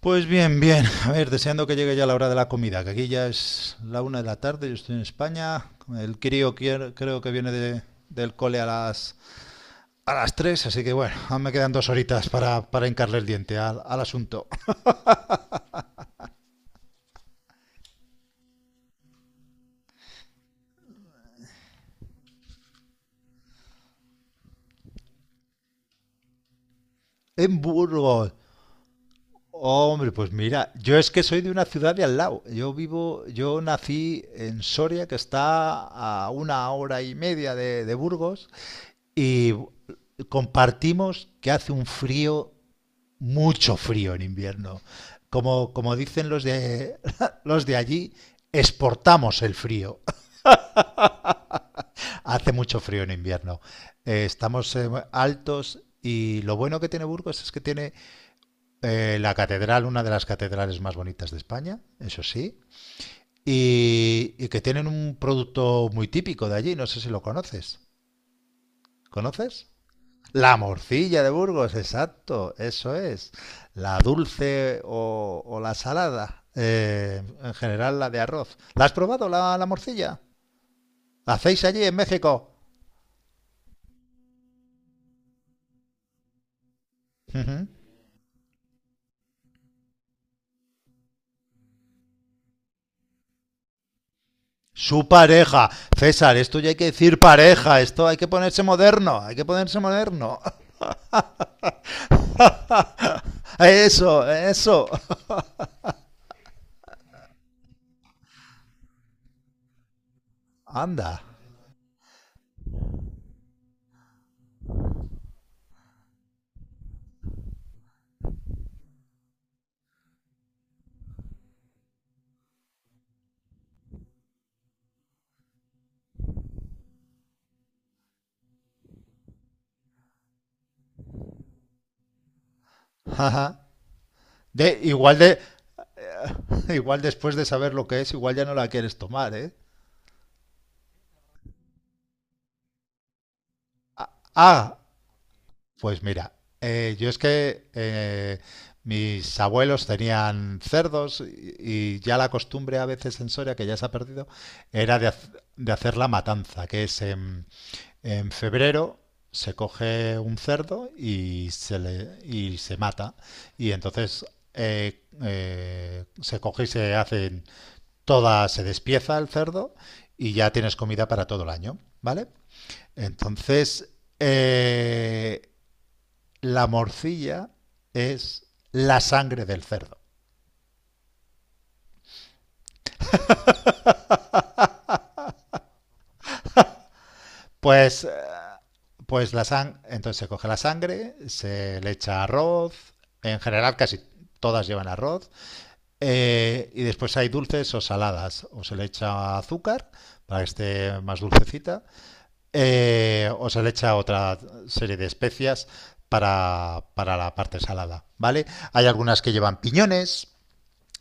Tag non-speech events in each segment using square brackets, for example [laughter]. Pues bien, bien. [laughs] A ver, deseando que llegue ya la hora de la comida, que aquí ya es la una de la tarde, yo estoy en España. Creo que viene del cole a las 3, así que bueno, aún me quedan 2 horitas para hincarle el diente al asunto. [laughs] En Burgos. Hombre, pues mira, yo es que soy de una ciudad de al lado. Yo nací en Soria, que está a una hora y media de Burgos, y compartimos que hace un frío mucho frío en invierno. Como dicen los de, [laughs] los de allí, exportamos el frío. [laughs] Hace mucho frío en invierno. Estamos altos y lo bueno que tiene Burgos es que tiene la catedral, una de las catedrales más bonitas de España, eso sí, y que tienen un producto muy típico de allí, no sé si lo conoces. ¿Conoces? La morcilla de Burgos, exacto, eso es. La dulce o la salada, en general la de arroz. ¿La has probado la morcilla? ¿La hacéis allí en México? Ujú. Su pareja. César, esto ya hay que decir pareja, esto hay que ponerse moderno, hay que ponerse moderno. [laughs] Eso, eso. Anda. [laughs] De, igual, de, igual después de saber lo que es, igual ya no la quieres tomar, ¿eh? Ah, pues mira, yo es que mis abuelos tenían cerdos y ya la costumbre a veces en Soria, que ya se ha perdido, era de hacer la matanza, que es en febrero se coge un cerdo y se mata. Y entonces se coge y se hacen se despieza el cerdo y ya tienes comida para todo el año, ¿vale? Entonces, eh, la morcilla es la sangre del cerdo. Pues, pues la sang entonces se coge la sangre, se le echa arroz, en general casi todas llevan arroz, y después hay dulces o saladas, o se le echa azúcar para que esté más dulcecita, o se le echa otra serie de especias para la parte salada, ¿vale? Hay algunas que llevan piñones.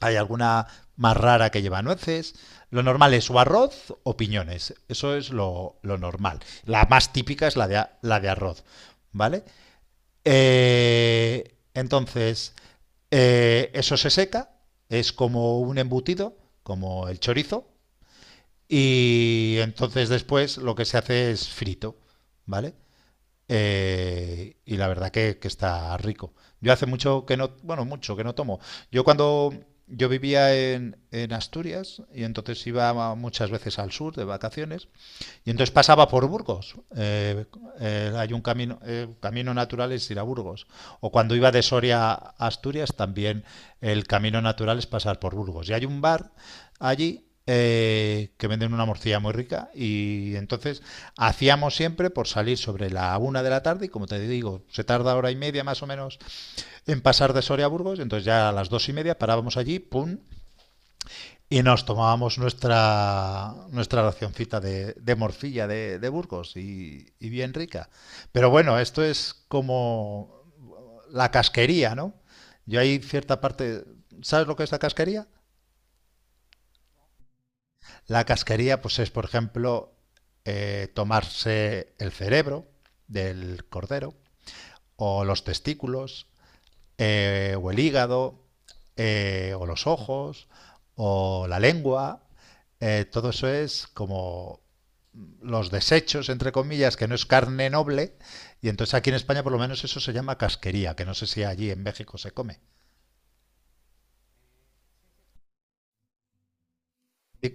Hay alguna más rara que lleva nueces. Lo normal es o arroz o piñones. Eso es lo normal. La más típica es la de arroz. ¿Vale? Entonces, eso se seca. Es como un embutido, como el chorizo. Y entonces después lo que se hace es frito. ¿Vale? Y la verdad que está rico. Yo hace mucho que no, bueno, mucho que no tomo. Yo cuando yo vivía en Asturias y entonces iba muchas veces al sur de vacaciones y entonces pasaba por Burgos. Hay un camino, camino natural es ir a Burgos. O cuando iba de Soria a Asturias, también el camino natural es pasar por Burgos. Y hay un bar allí que venden una morcilla muy rica y entonces hacíamos siempre por salir sobre la una de la tarde y como te digo, se tarda hora y media más o menos en pasar de Soria a Burgos, entonces ya a las 2 y media parábamos allí, pum, y nos tomábamos nuestra racioncita de morcilla de Burgos y bien rica. Pero bueno, esto es como la casquería, ¿no? Yo hay cierta parte. ¿Sabes lo que es la casquería? La casquería pues es, por ejemplo, tomarse el cerebro del cordero o los testículos o el hígado o los ojos o la lengua. Todo eso es como los desechos, entre comillas, que no es carne noble, y entonces aquí en España por lo menos eso se llama casquería, que no sé si allí en México se come. Y-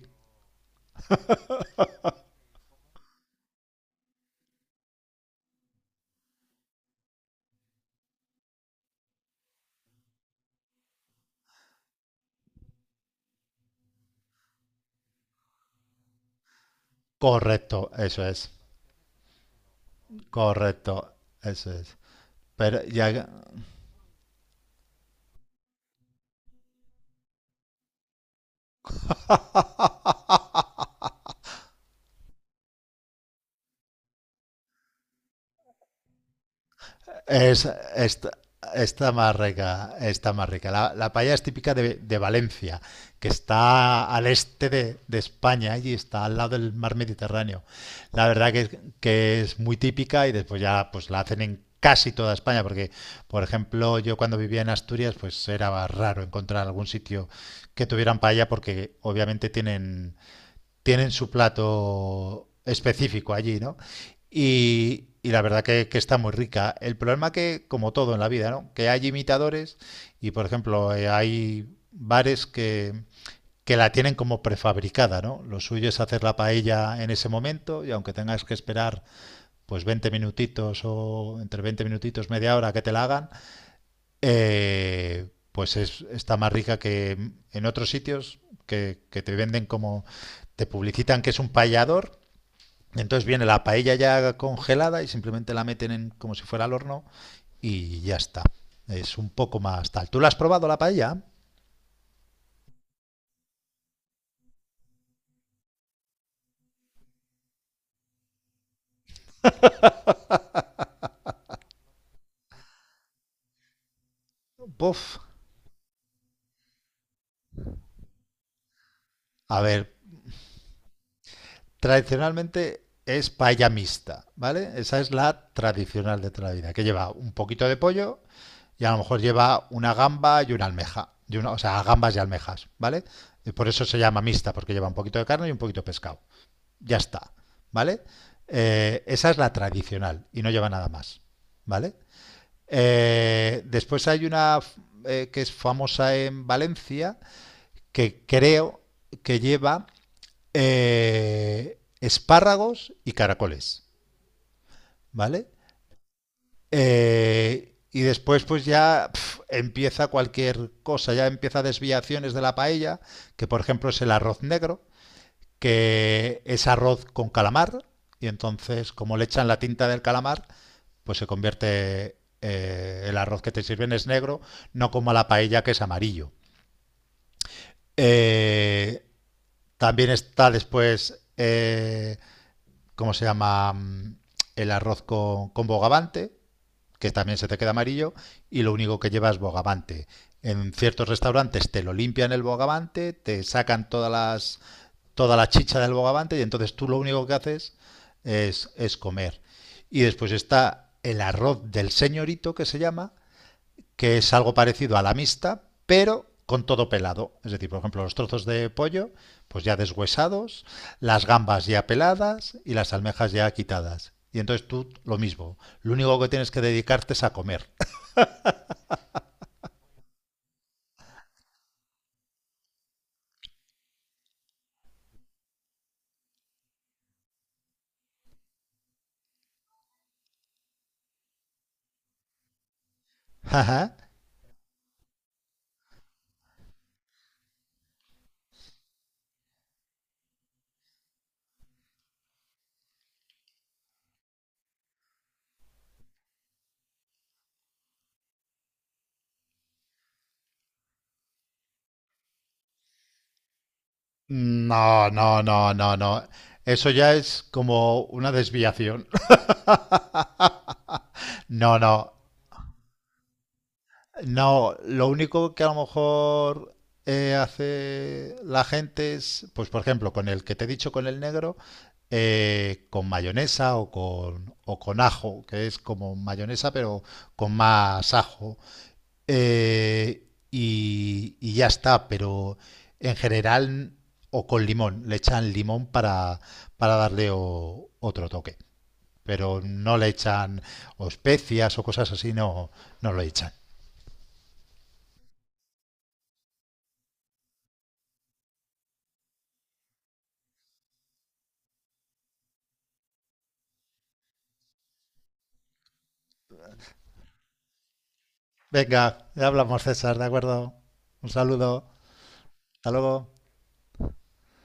correcto, eso es, correcto, eso es. Pero ya. [laughs] Es, esta- está más rica, está más rica. La paella es típica de Valencia, que está al este de España y está al lado del mar Mediterráneo. La verdad que, que es muy típica y después ya pues la hacen en casi toda España, porque por ejemplo yo cuando vivía en Asturias pues era raro encontrar algún sitio que tuvieran paella porque obviamente tienen su plato específico allí, ¿no? Y la verdad que está muy rica. El problema que, como todo en la vida, ¿no? Que hay imitadores y, por ejemplo, hay bares que la tienen como prefabricada, ¿no? Lo suyo es hacer la paella en ese momento y aunque tengas que esperar pues 20 minutitos o entre 20 minutitos, media hora que te la hagan, pues está más rica que en otros sitios que te venden te publicitan que es un paellador. Entonces viene la paella ya congelada y simplemente la meten como si fuera al horno y ya está. Es un poco más tal. ¿Tú la has probado la paella? Puf. A ver, tradicionalmente es paella mixta, ¿vale? Esa es la tradicional de toda la vida, que lleva un poquito de pollo, y a lo mejor lleva una gamba y una almeja, o sea, gambas y almejas, ¿vale? Y por eso se llama mixta, porque lleva un poquito de carne y un poquito de pescado. Ya está, ¿vale? Esa es la tradicional y no lleva nada más, ¿vale? Después hay una que es famosa en Valencia, que creo que lleva espárragos y caracoles, ¿vale? Y después pues ya empieza cualquier cosa, ya empieza desviaciones de la paella, que por ejemplo es el arroz negro, que es arroz con calamar, y entonces como le echan la tinta del calamar, pues se convierte el arroz que te sirven es negro, no como la paella que es amarillo. Eh, también está después, ¿cómo se llama? El arroz con bogavante, que también se te queda amarillo, y lo único que llevas es bogavante. En ciertos restaurantes te lo limpian el bogavante, te sacan toda la chicha del bogavante, y entonces tú lo único que haces es comer. Y después está el arroz del señorito, que se llama, que es algo parecido a la mixta, pero con todo pelado. Es decir, por ejemplo, los trozos de pollo, pues ya deshuesados, las gambas ya peladas y las almejas ya quitadas. Y entonces tú lo mismo. Lo único que tienes que dedicarte es a comer. [laughs] No, no, no, no, no. Eso ya es como una desviación. [laughs] No, no. No, lo único que a lo mejor hace la gente es, pues por ejemplo, con el que te he dicho, con el negro, con mayonesa o o con ajo, que es como mayonesa pero con más ajo. Eh, y ya está, pero en general o con limón, le echan limón para darle otro toque, pero no le echan o especias o cosas así, no, no lo echan. Venga, ya hablamos César, ¿de acuerdo? Un saludo, hasta luego.